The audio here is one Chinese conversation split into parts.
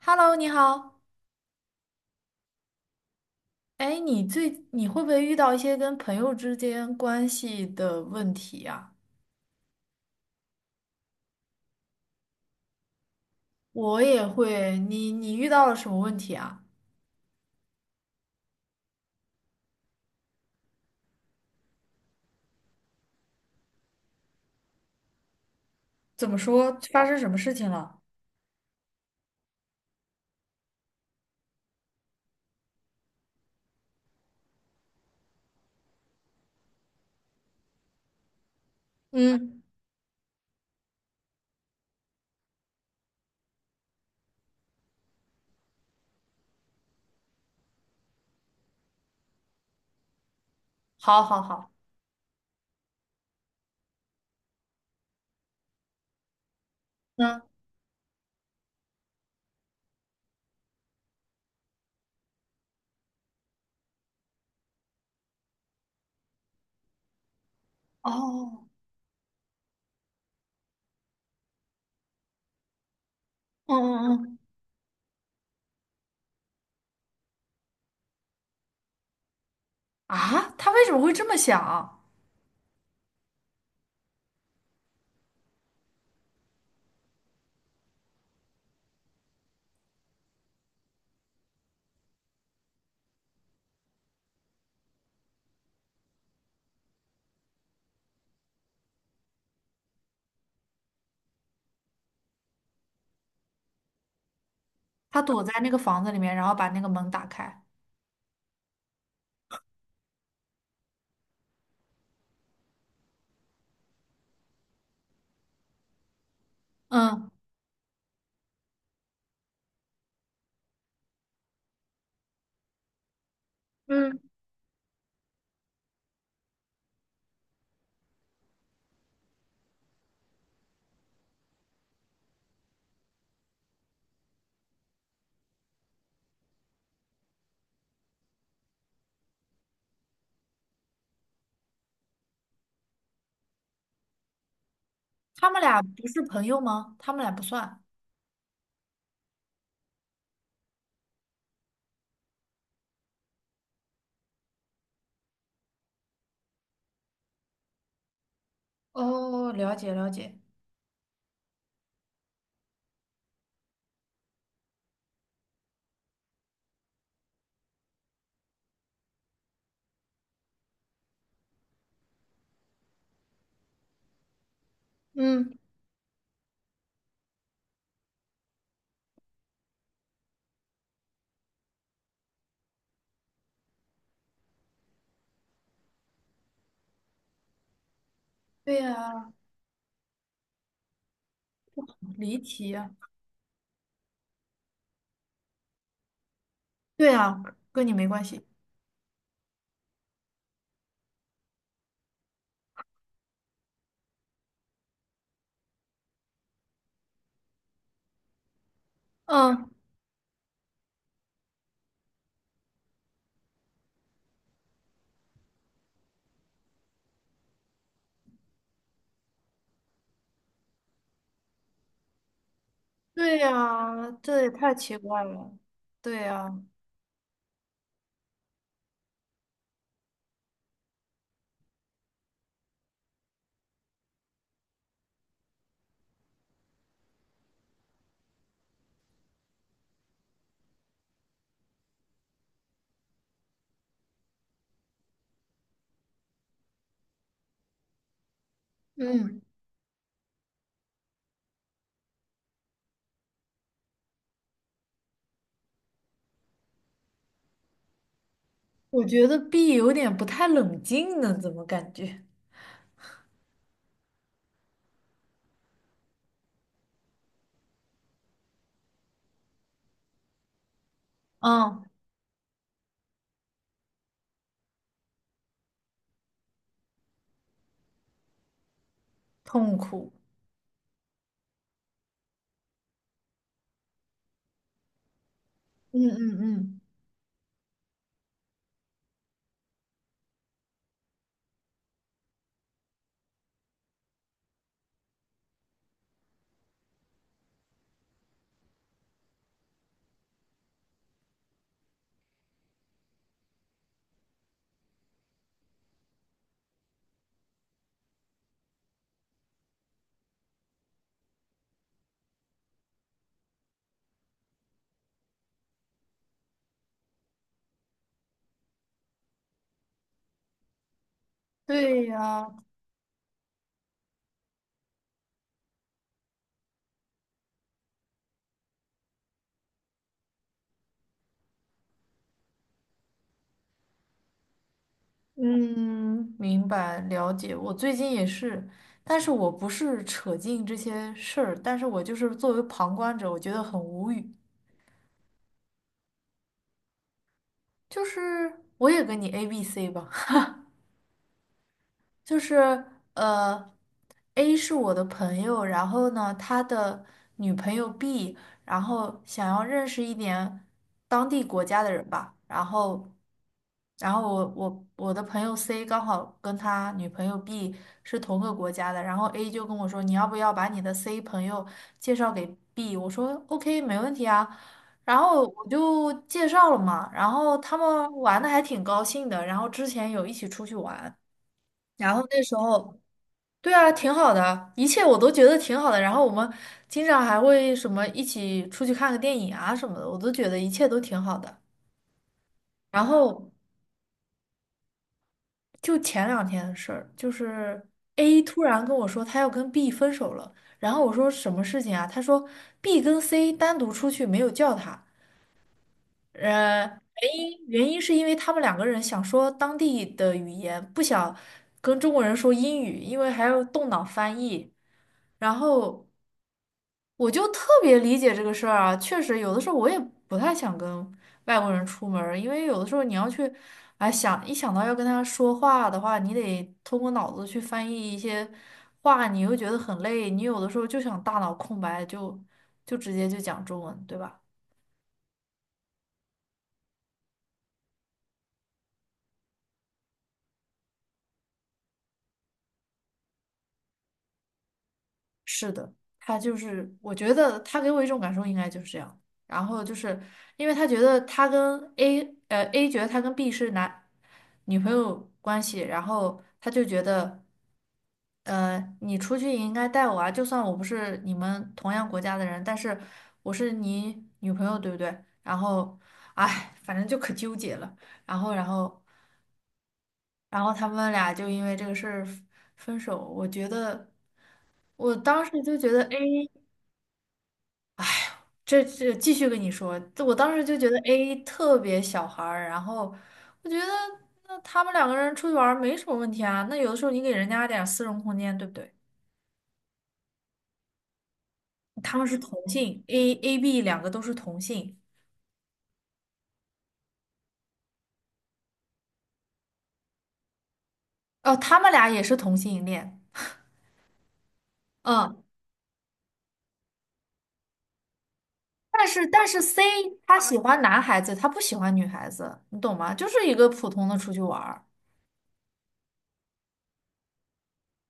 Hello，你好。哎，你会不会遇到一些跟朋友之间关系的问题呀？我也会。你遇到了什么问题啊？怎么说？发生什么事情了？嗯，好，好，好。嗯，哦，嗯嗯嗯，啊，他为什么会这么想？他躲在那个房子里面，然后把那个门打开。嗯，嗯，他们俩不是朋友吗？他们俩不算。哦，了解了解。嗯，对呀，离奇呀。对呀，跟你没关系。嗯，对呀，这也太奇怪了。对呀，嗯，我觉得 B 有点不太冷静呢，怎么感觉？嗯，痛苦。嗯嗯嗯，对呀，嗯，明白了解。我最近也是，但是我不是扯进这些事儿，但是我就是作为旁观者，我觉得很无语。就是我也跟你 A B C 吧。就是呃，A 是我的朋友，然后呢，他的女朋友 B，然后想要认识一点当地国家的人吧，然后，然后我的朋友 C 刚好跟他女朋友 B 是同个国家的，然后 A 就跟我说，你要不要把你的 C 朋友介绍给 B？我说 OK，没问题啊。然后我就介绍了嘛，然后他们玩的还挺高兴的，然后之前有一起出去玩。然后那时候，对啊，挺好的，一切我都觉得挺好的。然后我们经常还会什么一起出去看个电影啊什么的，我都觉得一切都挺好的。然后就前两天的事儿，就是 A 突然跟我说他要跟 B 分手了，然后我说什么事情啊？他说 B 跟 C 单独出去没有叫他，呃，原因是因为他们两个人想说当地的语言，不想跟中国人说英语，因为还要动脑翻译。然后我就特别理解这个事儿啊，确实有的时候我也不太想跟外国人出门儿，因为有的时候你要去，哎，想到要跟他说话的话，你得通过脑子去翻译一些话，你又觉得很累，你有的时候就想大脑空白，就直接就讲中文，对吧？是的，他就是，我觉得他给我一种感受应该就是这样，然后就是因为他觉得他跟 A，A 觉得他跟 B 是男女朋友关系，然后他就觉得。你出去也应该带我啊，就算我不是你们同样国家的人，但是我是你女朋友，对不对？然后，哎，反正就可纠结了。然后，然后，然后他们俩就因为这个事儿分手。我当时就觉得 A，这继续跟你说，我当时就觉得 A 特别小孩儿。然后我觉得，那他们两个人出去玩儿没什么问题啊。那有的时候你给人家点儿私人空间，对不对？他们是同性，A B 两个都是同性，哦，他们俩也是同性恋，嗯，但是 C 他喜欢男孩子，他不喜欢女孩子，你懂吗？就是一个普通的出去玩儿，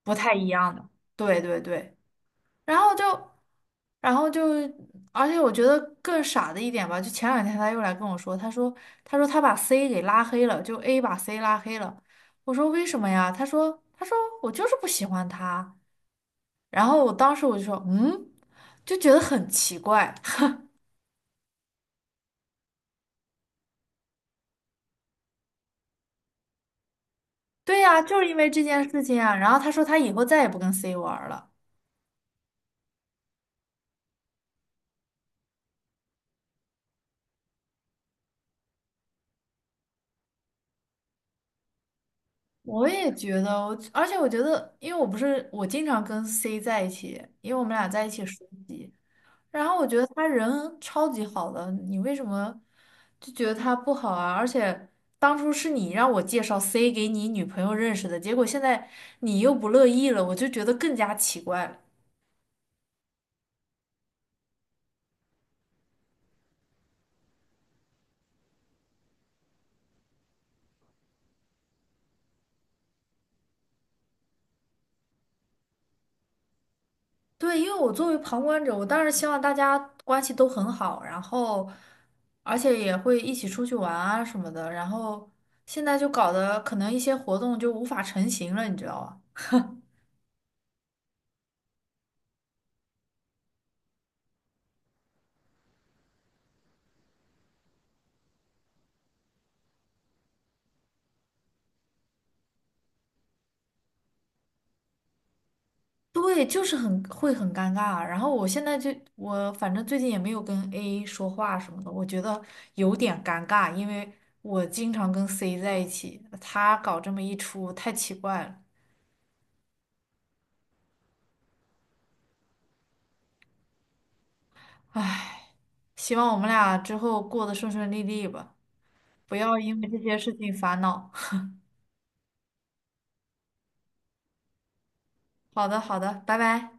不太一样的，对对对，然后就然后就，而且我觉得更傻的一点吧，就前两天他又来跟我说，他说他把 C 给拉黑了，就 A 把 C 拉黑了，我说为什么呀？他说我就是不喜欢他。然后我当时我就说，嗯，就觉得很奇怪。对呀，就是因为这件事情啊。然后他说他以后再也不跟 C 玩儿了。我也觉得，而且我觉得，因为我不是我经常跟 C 在一起，因为我们俩在一起实习。然后我觉得他人超级好的，你为什么就觉得他不好啊？而且当初是你让我介绍 C 给你女朋友认识的，结果现在你又不乐意了，我就觉得更加奇怪了。对，因为我作为旁观者，我当然希望大家关系都很好，然后而且也会一起出去玩啊什么的，然后现在就搞得可能一些活动就无法成型了，你知道吧？对，就是很会很尴尬。然后我现在就我反正最近也没有跟 A 说话什么的，我觉得有点尴尬，因为我经常跟 C 在一起，他搞这么一出太奇怪了，唉，希望我们俩之后过得顺顺利利吧。不要因为这些事情烦恼。好的，好的，拜拜。